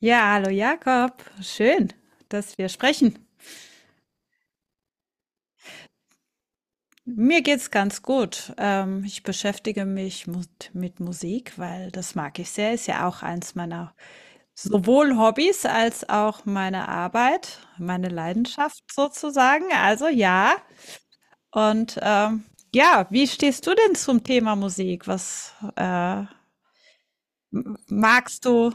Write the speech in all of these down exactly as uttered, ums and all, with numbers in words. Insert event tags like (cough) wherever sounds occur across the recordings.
Ja, hallo Jakob. Schön, dass wir sprechen. Mir geht's ganz gut. Ähm, ich beschäftige mich mu- mit Musik, weil das mag ich sehr. Ist ja auch eins meiner sowohl Hobbys als auch meine Arbeit, meine Leidenschaft sozusagen. Also ja. Und ähm, ja, wie stehst du denn zum Thema Musik? Was äh, m- magst du?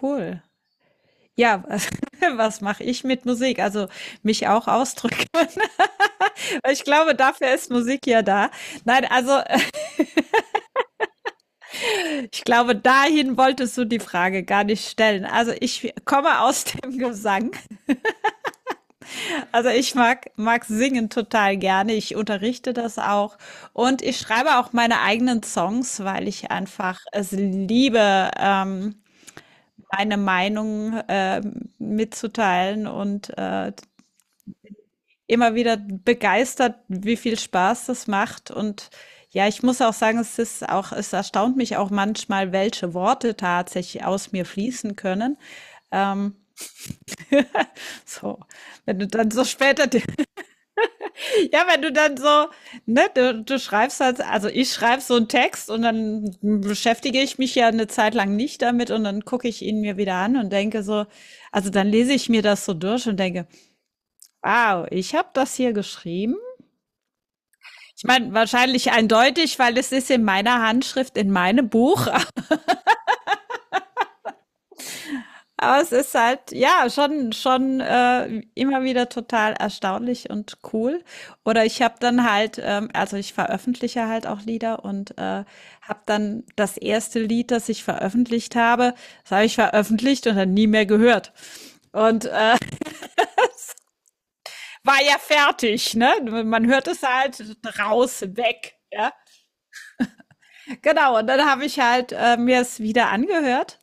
Cool. Ja, (laughs) was mache ich mit Musik? Also mich auch ausdrücken. Ich glaube, dafür ist Musik ja da. Nein, also äh, ich glaube, dahin wolltest du die Frage gar nicht stellen. Also ich komme aus (laughs) dem Gesang. Also ich mag, mag singen total gerne. Ich unterrichte das auch. Und ich schreibe auch meine eigenen Songs, weil ich einfach es liebe, ähm, meine Meinung äh, mitzuteilen und äh, immer wieder begeistert, wie viel Spaß das macht. Und ja, ich muss auch sagen, es ist auch, es erstaunt mich auch manchmal, welche Worte tatsächlich aus mir fließen können. Ähm, so, wenn du dann so später, (laughs) ja, wenn du dann so, ne, du, du schreibst halt, also ich schreibe so einen Text und dann beschäftige ich mich ja eine Zeit lang nicht damit und dann gucke ich ihn mir wieder an und denke so, also dann lese ich mir das so durch und denke, wow, ich habe das hier geschrieben. Ich meine, wahrscheinlich eindeutig, weil es ist in meiner Handschrift, in meinem Buch. (laughs) Aber es ist halt, ja, schon, schon äh, immer wieder total erstaunlich und cool. Oder ich habe dann halt, ähm, also ich veröffentliche halt auch Lieder und äh, habe dann das erste Lied, das ich veröffentlicht habe, das habe ich veröffentlicht und dann nie mehr gehört. Und äh, war ja fertig, ne? Man hört es halt raus, weg. Ja, genau. Und dann habe ich halt äh, mir es wieder angehört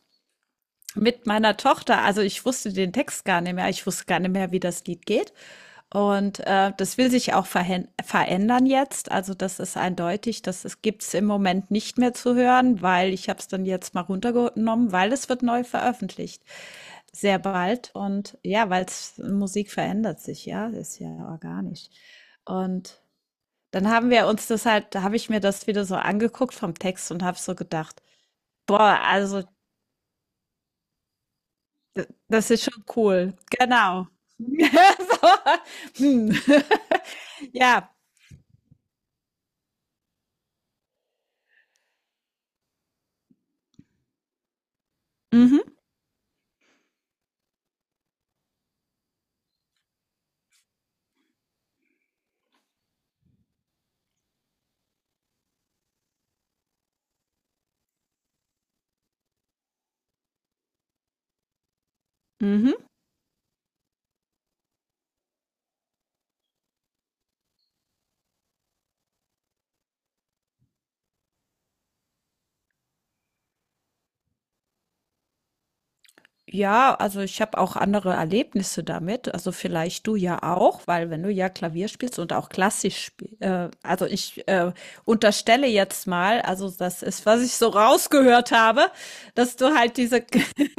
mit meiner Tochter, also ich wusste den Text gar nicht mehr, ich wusste gar nicht mehr, wie das Lied geht. Und äh, das will sich auch verhän- verändern jetzt. Also das ist eindeutig, das ist- gibt's im Moment nicht mehr zu hören, weil ich habe es dann jetzt mal runtergenommen, weil es wird neu veröffentlicht. Sehr bald. Und ja, weil Musik verändert sich, ja, ist ja organisch. Und dann haben wir uns das halt, da habe ich mir das wieder so angeguckt vom Text und habe so gedacht, boah, also D das ist schon cool. Genau. (laughs) So, hm. (laughs) Ja. Mhm. Mhm. Ja, also ich habe auch andere Erlebnisse damit. Also vielleicht du ja auch, weil wenn du ja Klavier spielst und auch klassisch spielst, äh, also ich äh, unterstelle jetzt mal, also das ist, was ich so rausgehört habe, dass du halt diese, (laughs)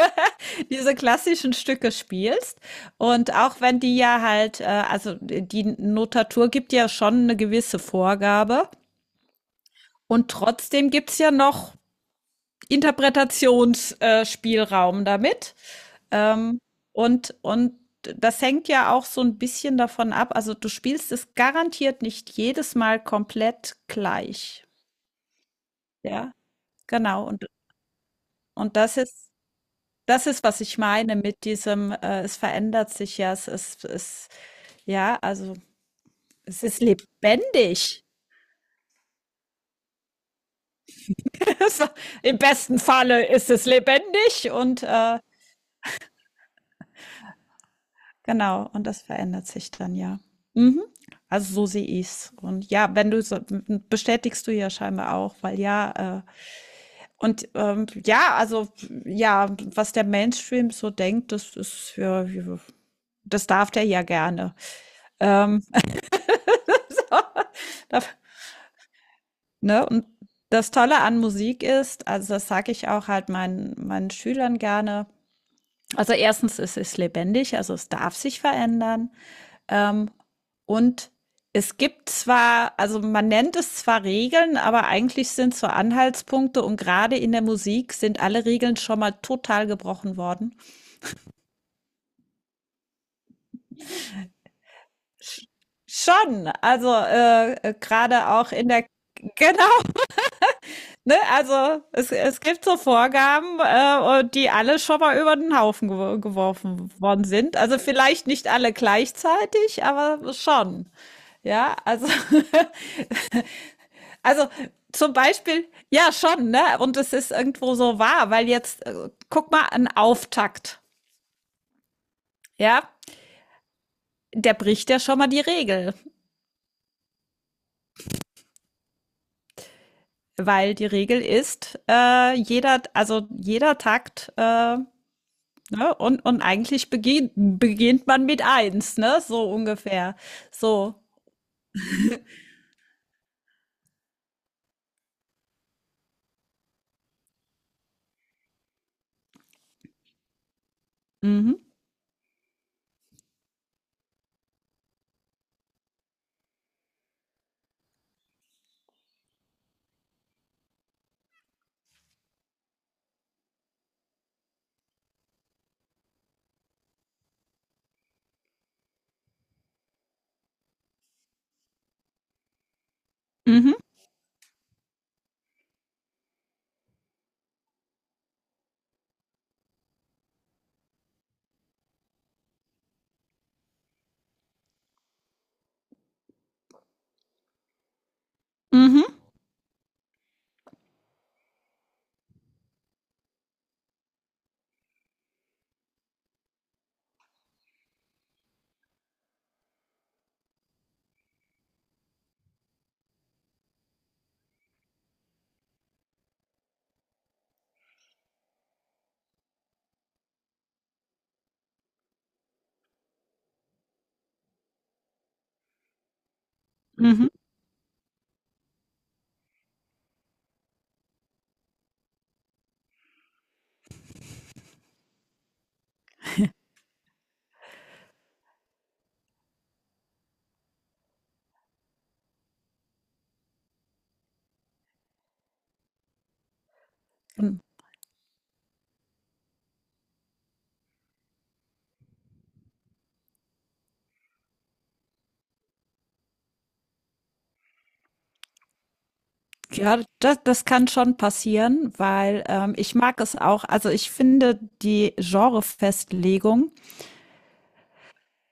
diese klassischen Stücke spielst. Und auch wenn die ja halt, äh, also die Notatur gibt ja schon eine gewisse Vorgabe und trotzdem gibt's ja noch Interpretationsspielraum damit. Ähm, und und das hängt ja auch so ein bisschen davon ab, also, du spielst es garantiert nicht jedes Mal komplett gleich, ja? Genau, und und das ist das ist, was ich meine mit diesem, äh, es verändert sich ja, es es es ja, also, es ist lebendig. (laughs) Es Im besten Falle ist es lebendig und, äh genau, und das verändert sich dann ja. Mhm. Also so sehe ich's. Und ja, wenn du so, bestätigst du ja scheinbar auch, weil ja, äh, und ähm, ja, also ja, was der Mainstream so denkt, das ist ja, ja, das darf der ja gerne. Ähm, darf, ne? Und das Tolle an Musik ist, also das sage ich auch halt meinen, meinen Schülern gerne. Also erstens ist es lebendig, also es darf sich verändern. Ähm, und es gibt zwar, also man nennt es zwar Regeln, aber eigentlich sind es so Anhaltspunkte und gerade in der Musik sind alle Regeln schon mal total gebrochen worden. Sch- Schon, also äh, äh, gerade auch in der, genau, ne? Also es, es gibt so Vorgaben, äh, und die alle schon mal über den Haufen gew- geworfen worden sind. Also vielleicht nicht alle gleichzeitig, aber schon. Ja, also (laughs) also zum Beispiel, ja schon, ne? Und es ist irgendwo so wahr, weil jetzt, äh, guck mal, ein Auftakt, ja, der bricht ja schon mal die Regel, weil die Regel ist, äh, jeder, also jeder Takt, äh, ne? Und, und eigentlich beginnt, beginnt man mit eins, ne? So ungefähr. So. Mhm. Mhm. Mhm. Mhm. Mhm. Ja, das, das kann schon passieren, weil ähm, ich mag es auch. Also ich finde die Genrefestlegung,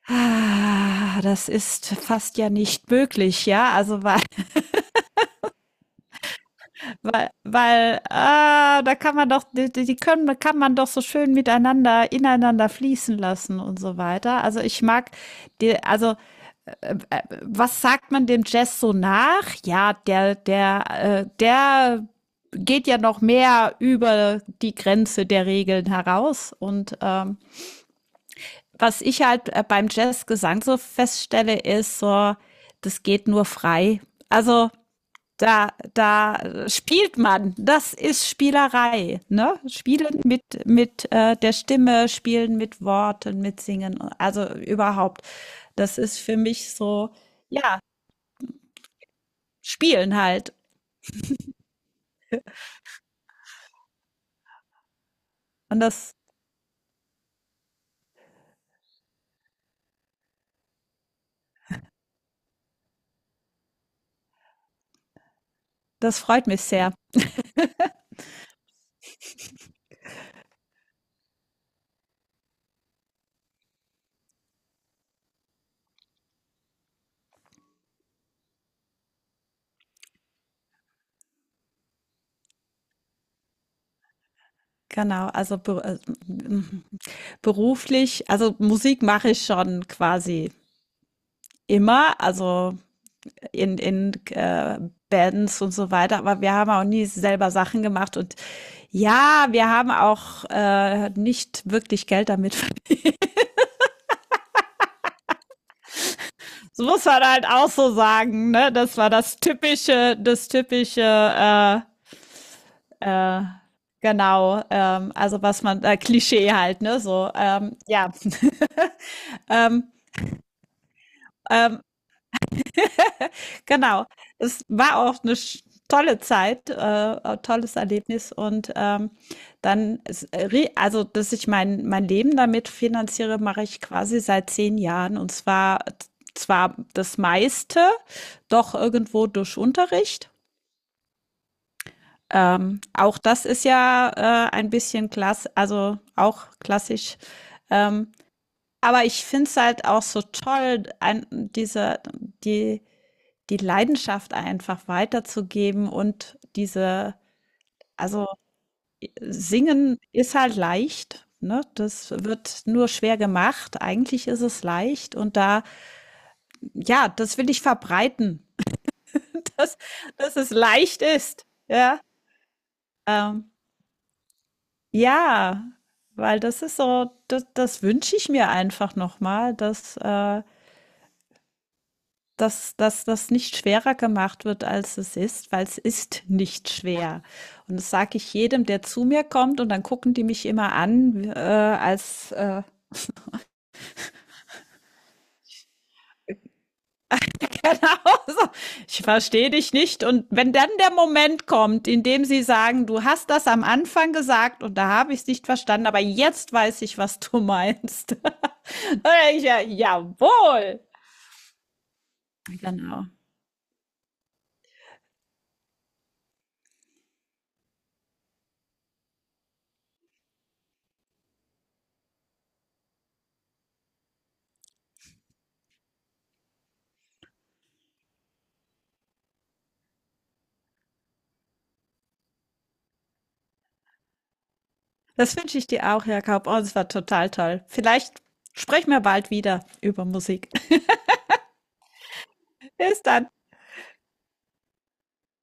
ah, das ist fast ja nicht möglich, ja? Also weil weil weil, ah, da kann man doch die die können da kann man doch so schön miteinander ineinander fließen lassen und so weiter. Also, ich mag die, also, was sagt man dem Jazz so nach? Ja, der der, äh, der geht ja noch mehr über die Grenze der Regeln heraus und, ähm was ich halt äh, beim Jazzgesang so feststelle, ist so, das geht nur frei. Also da, da spielt man. Das ist Spielerei. Ne? Spielen mit, mit äh, der Stimme, spielen mit Worten, mit Singen. Also überhaupt. Das ist für mich so, ja, spielen halt. Und das, das freut mich sehr. Genau, also be äh, beruflich, also Musik mache ich schon quasi immer. Also in, in äh, Bands und so weiter, aber wir haben auch nie selber Sachen gemacht und ja, wir haben auch äh, nicht wirklich Geld damit. Das muss man halt auch so sagen, ne? Das war das typische, das typische, äh, äh, genau, ähm, also was man, äh, Klischee halt, ne? So, ähm, ja. (laughs) ähm, ähm, Genau. Es war auch eine sch tolle Zeit, äh, äh, tolles Erlebnis und, ähm, dann es re also, dass ich mein mein Leben damit finanziere, mache ich quasi seit zehn Jahren, und zwar zwar das meiste doch irgendwo durch Unterricht. Ähm, auch das ist ja, äh, ein bisschen klass also, auch klassisch. Ähm, aber ich finde es halt auch so toll, ein diese die die Leidenschaft einfach weiterzugeben und diese, also, singen ist halt leicht, ne? Das wird nur schwer gemacht. Eigentlich ist es leicht und da, ja, das will ich verbreiten, (laughs) dass dass es leicht ist, ja? Ähm, ja, weil das ist so, das das wünsche ich mir einfach nochmal, dass, äh dass, dass das nicht schwerer gemacht wird, als es ist, weil es ist nicht schwer. Und das sage ich jedem, der zu mir kommt, und dann gucken die mich immer an, äh, als äh, (laughs) genau, so, ich verstehe dich nicht. Und wenn dann der Moment kommt, in dem sie sagen, du hast das am Anfang gesagt und da habe ich es nicht verstanden, aber jetzt weiß ich, was du meinst. (laughs) Dann denke ich, ja, jawohl. Genau. Das wünsche ich dir auch, Jakob. Oh, es war total toll. Vielleicht sprechen wir bald wieder über Musik. Bis dann.